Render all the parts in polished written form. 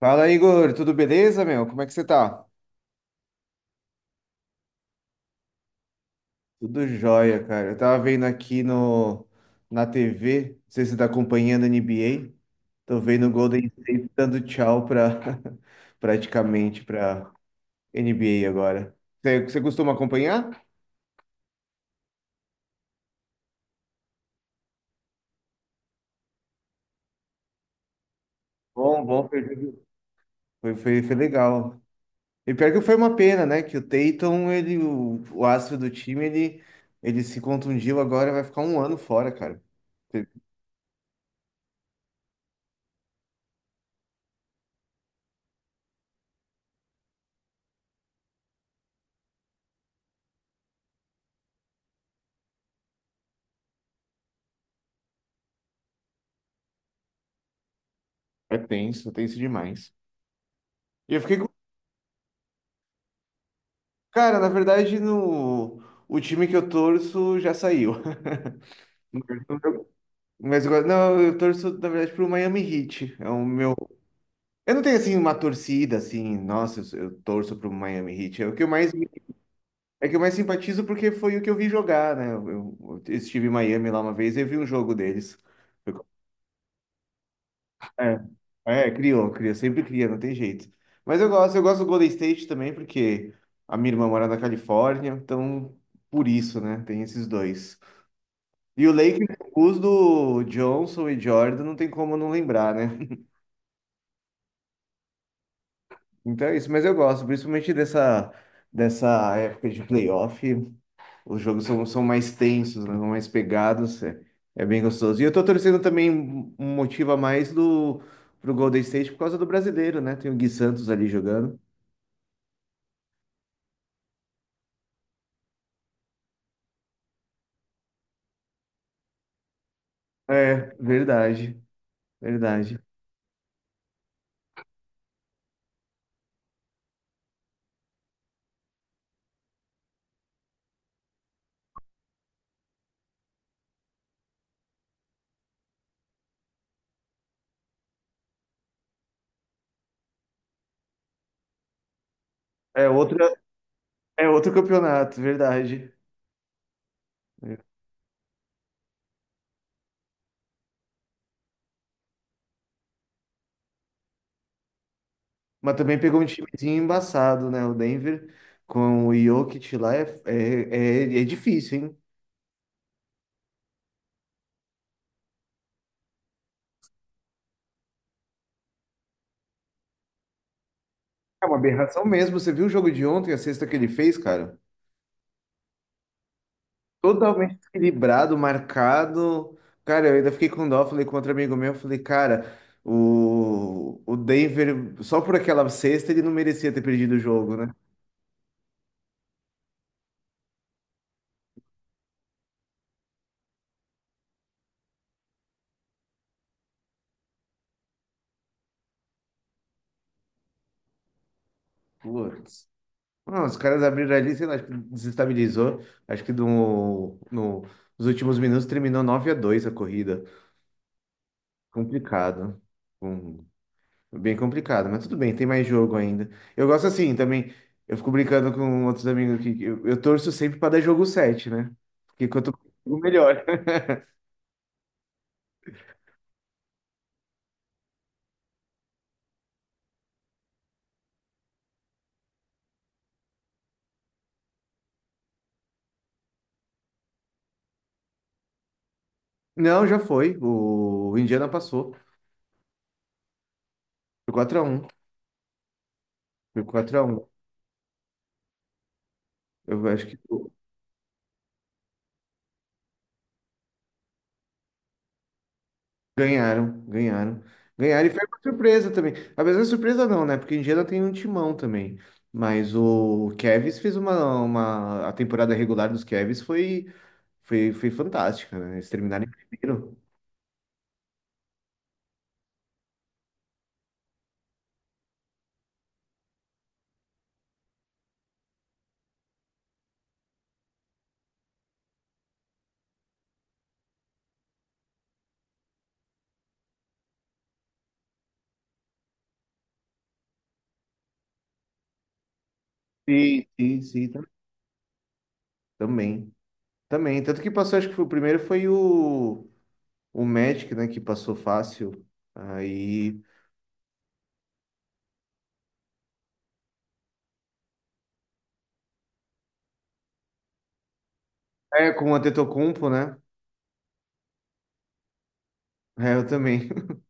Fala, Igor, tudo beleza, meu? Como é que você tá? Tudo jóia, cara. Eu tava vendo aqui na TV, não sei se você tá acompanhando a NBA. Tô vendo o Golden State dando tchau praticamente pra NBA agora. Você costuma acompanhar? Bom, foi legal. E pior que foi uma pena, né? Que o Tatum, o astro do time, ele se contundiu agora, vai ficar um ano fora, cara. É tenso, tenso demais. E eu fiquei com. Cara, na verdade, no... o time que eu torço já saiu. Mas agora, não, eu torço, na verdade, pro Miami Heat. É o meu. Eu não tenho assim uma torcida assim, nossa, eu torço pro Miami Heat. É o que eu mais É o que eu mais simpatizo porque foi o que eu vi jogar, né? Eu estive em Miami lá uma vez e eu vi um jogo deles. Eu- É, é, criou, cria, sempre cria, não tem jeito. Mas eu gosto do Golden State também porque a minha irmã mora na Califórnia, então por isso, né? Tem esses dois. E o Lakers, os do Johnson e Jordan, não tem como não lembrar, né? Então é isso, mas eu gosto, principalmente dessa época de playoff. Os jogos são mais tensos, né? São mais pegados, é bem gostoso. E eu tô torcendo também um motivo a mais pro Golden State por causa do brasileiro, né? Tem o Gui Santos ali jogando. É, verdade, verdade. É outra, é outro campeonato, verdade. Mas também pegou um timezinho embaçado, né? O Denver com o Jokic lá é difícil, hein? É uma aberração mesmo. Você viu o jogo de ontem, a sexta que ele fez, cara? Totalmente equilibrado, marcado. Cara, eu ainda fiquei com dó, falei com outro amigo meu, falei, cara, o Denver, só por aquela sexta, ele não merecia ter perdido o jogo, né? Putz. Não, os caras abriram ali, sei lá, acho que desestabilizou. Acho que nos últimos minutos terminou 9 a 2 a corrida. Complicado. Hum, bem complicado, mas tudo bem, tem mais jogo ainda. Eu gosto assim também. Eu fico brincando com outros amigos aqui. Que eu torço sempre para dar jogo sete, né? Porque quanto o melhor. Não, já foi. O Indiana passou. Foi 4-1. Foi 4-1. Eu acho que ganharam, ganharam. Ganharam e foi uma surpresa também. Apesar de surpresa não, né? Porque o Indiana tem um timão também. Mas o Cavs fez A temporada regular dos Cavs foi fantástica, né? Eles terminaram em primeiro. Sim, sim, sim, também. Também. Tanto que passou, acho que foi o primeiro, foi o Magic, né? Que passou fácil. Aí. É, com o Antetokounmpo, né? É, eu também.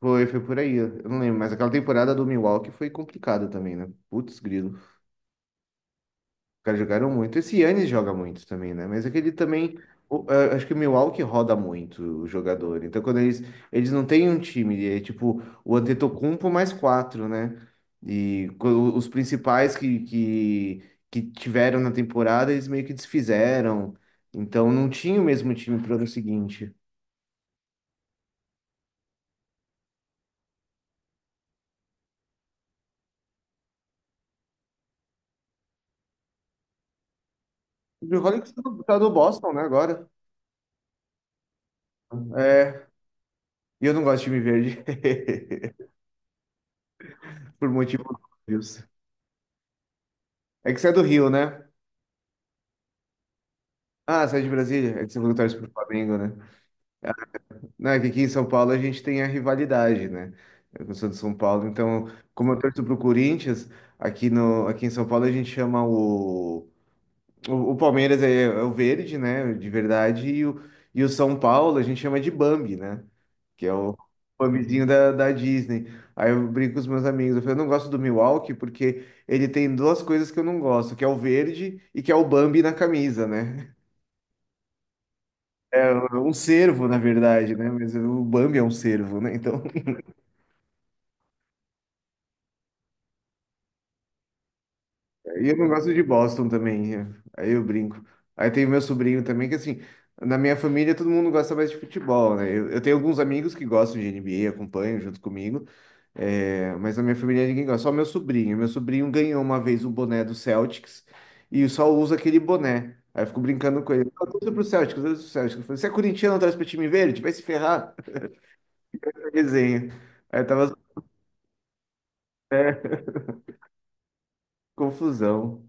Foi por aí. Eu não lembro. Mas aquela temporada do Milwaukee foi complicada também, né? Putz, grilo. Caras jogaram muito. Esse Yannis joga muito também, né? Mas aquele também. Acho que o Milwaukee roda muito o jogador. Então, quando eles. Eles não têm um time, é tipo o Antetokounmpo mais quatro, né? E os principais que tiveram na temporada, eles meio que desfizeram. Então, não tinha o mesmo time pro ano seguinte. O Bill tá do Boston, né, agora. É. E eu não gosto de time verde. Por motivos óbvios. É que você é do Rio, né? Ah, você é de Brasília? É que você falou que torce pro Flamengo, né? Não, é que aqui em São Paulo a gente tem a rivalidade, né? Eu sou de São Paulo, então, como eu torço pro Corinthians, aqui, no, aqui em São Paulo a gente chama o. O Palmeiras é o verde, né? De verdade, e o São Paulo a gente chama de Bambi, né? Que é o Bambizinho da Disney. Aí eu brinco com os meus amigos, eu falo, eu não gosto do Milwaukee porque ele tem duas coisas que eu não gosto, que é o verde e que é o Bambi na camisa, né? É um cervo, na verdade, né? Mas o Bambi é um cervo, né? Então. E eu não gosto de Boston também. É. Aí eu brinco. Aí tem o meu sobrinho também, que assim, na minha família todo mundo gosta mais de futebol, né? Eu tenho alguns amigos que gostam de NBA, acompanham junto comigo. É, mas na minha família ninguém gosta, só meu sobrinho. Meu sobrinho ganhou uma vez o boné do Celtics e só usa aquele boné. Aí eu fico brincando com ele. Eu torço pro Celtics, eu torço pro Celtics. Eu falei, você é corintiano, traz pra time verde? Vai se ferrar. Resenha. Aí tava confusão.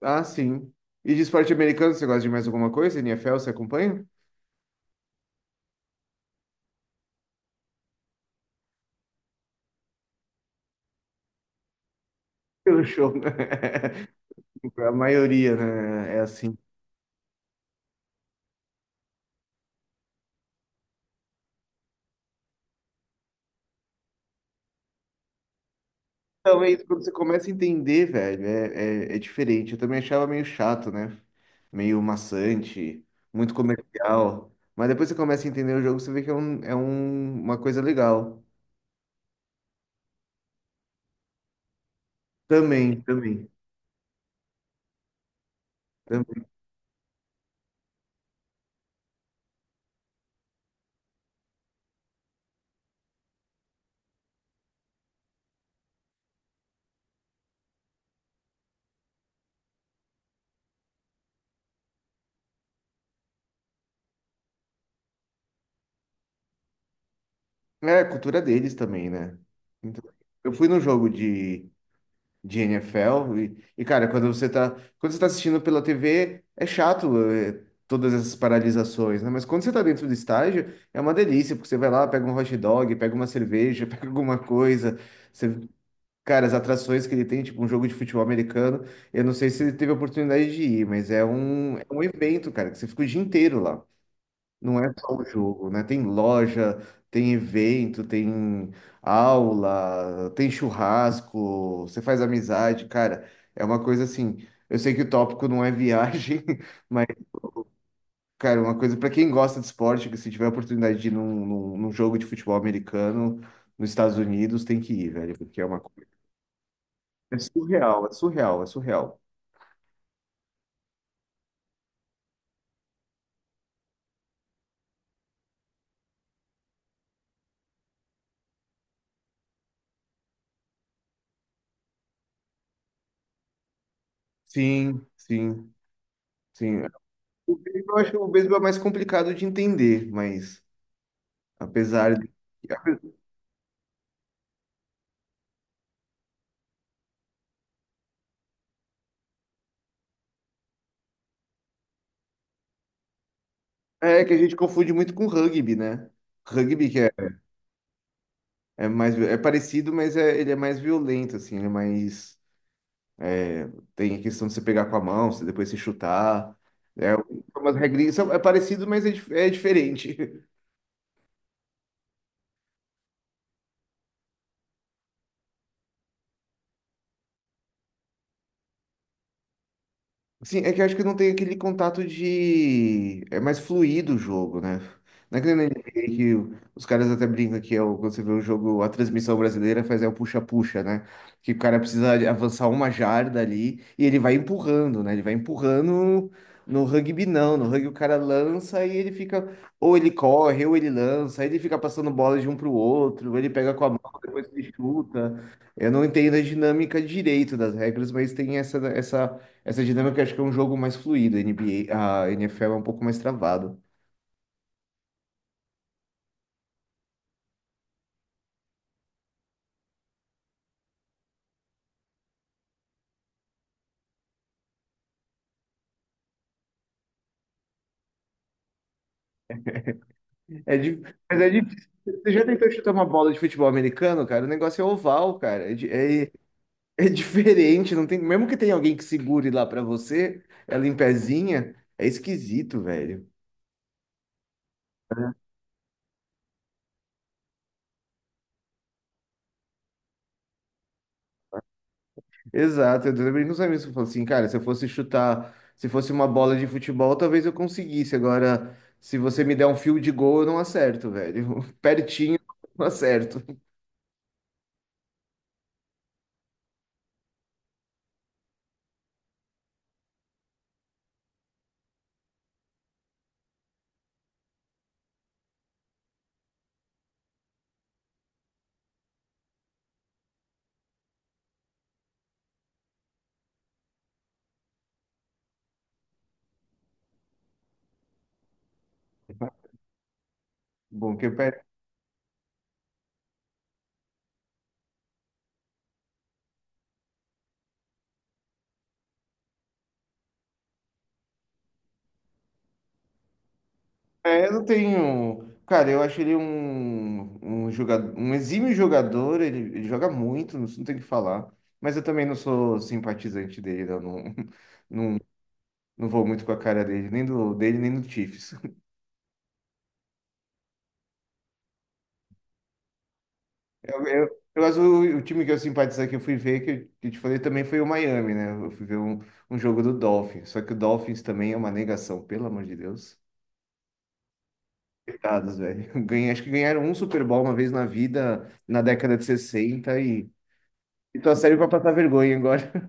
Ah, sim. E de esporte americano, você gosta de mais alguma coisa? NFL, você acompanha? Pelo show, né? A maioria, né? É assim. Então, é isso, quando você começa a entender, velho, é diferente. Eu também achava meio chato, né? Meio maçante, muito comercial. Mas depois você começa a entender o jogo, você vê que é uma coisa legal. Também, também, também. É, a cultura deles também, né? Então, eu fui no jogo de NFL. Cara, quando você tá assistindo pela TV, é chato, todas essas paralisações, né? Mas quando você tá dentro do estádio, é uma delícia, porque você vai lá, pega um hot dog, pega uma cerveja, pega alguma coisa. Você, cara, as atrações que ele tem, tipo um jogo de futebol americano, eu não sei se ele teve a oportunidade de ir, mas é um evento, cara, que você fica o dia inteiro lá. Não é só o jogo, né? Tem loja, tem evento, tem aula, tem churrasco, você faz amizade, cara. É uma coisa assim. Eu sei que o tópico não é viagem, mas, cara, uma coisa para quem gosta de esporte, que se tiver a oportunidade de ir num jogo de futebol americano nos Estados Unidos, tem que ir, velho, porque é uma coisa. É surreal, é surreal, é surreal. Sim, sim, sim. O beisebol, eu acho que o beisebol é mais complicado de entender, mas apesar de. É que a gente confunde muito com rugby, né? Rugby que é parecido, mas ele é mais violento, assim, ele é mais é, tem a questão de você pegar com a mão, você depois se chutar. É umas regrinhas, é parecido, mas é diferente. Sim, é que eu acho que não tem aquele contato de. É mais fluido o jogo, né? Não é que nem na NBA que os caras até brincam que é o, quando você vê o jogo, a transmissão brasileira faz é o puxa-puxa, né? Que o cara precisa avançar uma jarda ali e ele vai empurrando, né? Ele vai empurrando no rugby, não. No rugby o cara lança e ele fica. Ou ele corre, ou ele lança, aí ele fica passando bola de um pro outro, ou ele pega com a mão, depois ele chuta. Eu não entendo a dinâmica direito das regras, mas tem essa dinâmica acho que é um jogo mais fluido, a NBA, a NFL é um pouco mais travado. É di- Mas é difícil. Você já tentou chutar uma bola de futebol americano, cara? O negócio é oval, cara. É diferente, não tem. Mesmo que tenha alguém que segure lá pra você, ela em pezinha, é esquisito, velho. Exato, eu também não amigos se eu falo assim, cara, se eu fosse chutar, se fosse uma bola de futebol, talvez eu conseguisse. Agora, se você me der um fio de gol, eu não acerto, velho. Pertinho, eu não acerto. Bom, que eu. É, eu não tenho. Cara, eu acho ele um, um exímio jogador, ele joga muito, não tem o que falar. Mas eu também não sou simpatizante dele, eu não, não, não vou muito com a cara dele, nem do Chiefs. Mas o time que eu simpatizei que eu fui ver, que eu te falei também, foi o Miami, né? Eu fui ver um jogo do Dolphins. Só que o Dolphins também é uma negação, pelo amor de Deus. Coitados, velho. Ganhei, acho que ganharam um Super Bowl uma vez na vida, na década de 60 e. Então serve vai passar vergonha agora.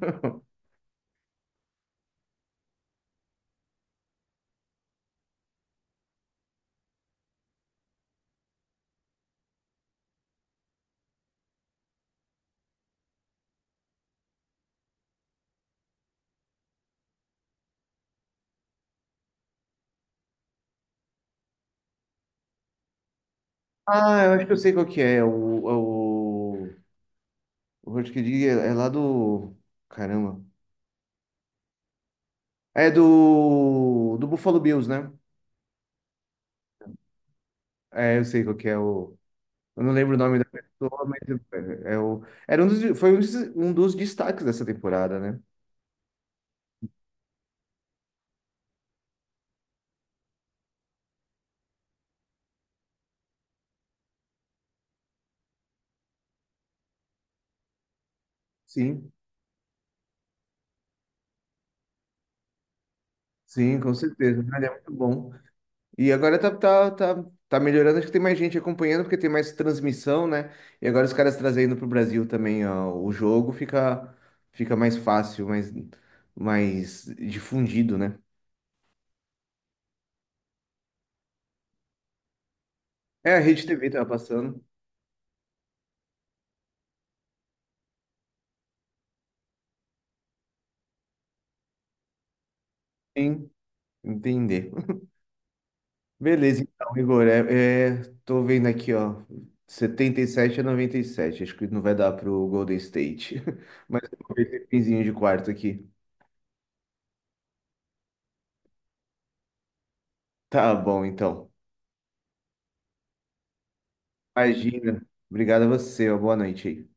Ah, eu acho que eu sei qual que é. É o Hurt Kid é lá do. Caramba. É do. Do Buffalo Bills, né? É, eu sei qual que é o. Eu não lembro o nome da pessoa, mas é o. Era um dos, foi um dos destaques dessa temporada, né? Sim, sim, com certeza. Ele é muito bom. E agora tá melhorando, acho que tem mais gente acompanhando, porque tem mais transmissão, né? E agora os caras trazendo pro Brasil também, ó, o jogo fica, mais fácil, mais difundido, né? É, a Rede TV tava passando. Sim, entender. Beleza, então, Igor, tô vendo aqui, ó, 77-97, acho que não vai dar pro Golden State, mas eu vou ver esse pinzinho de quarto aqui. Tá bom, então. Imagina. Obrigado a você, ó, boa noite aí.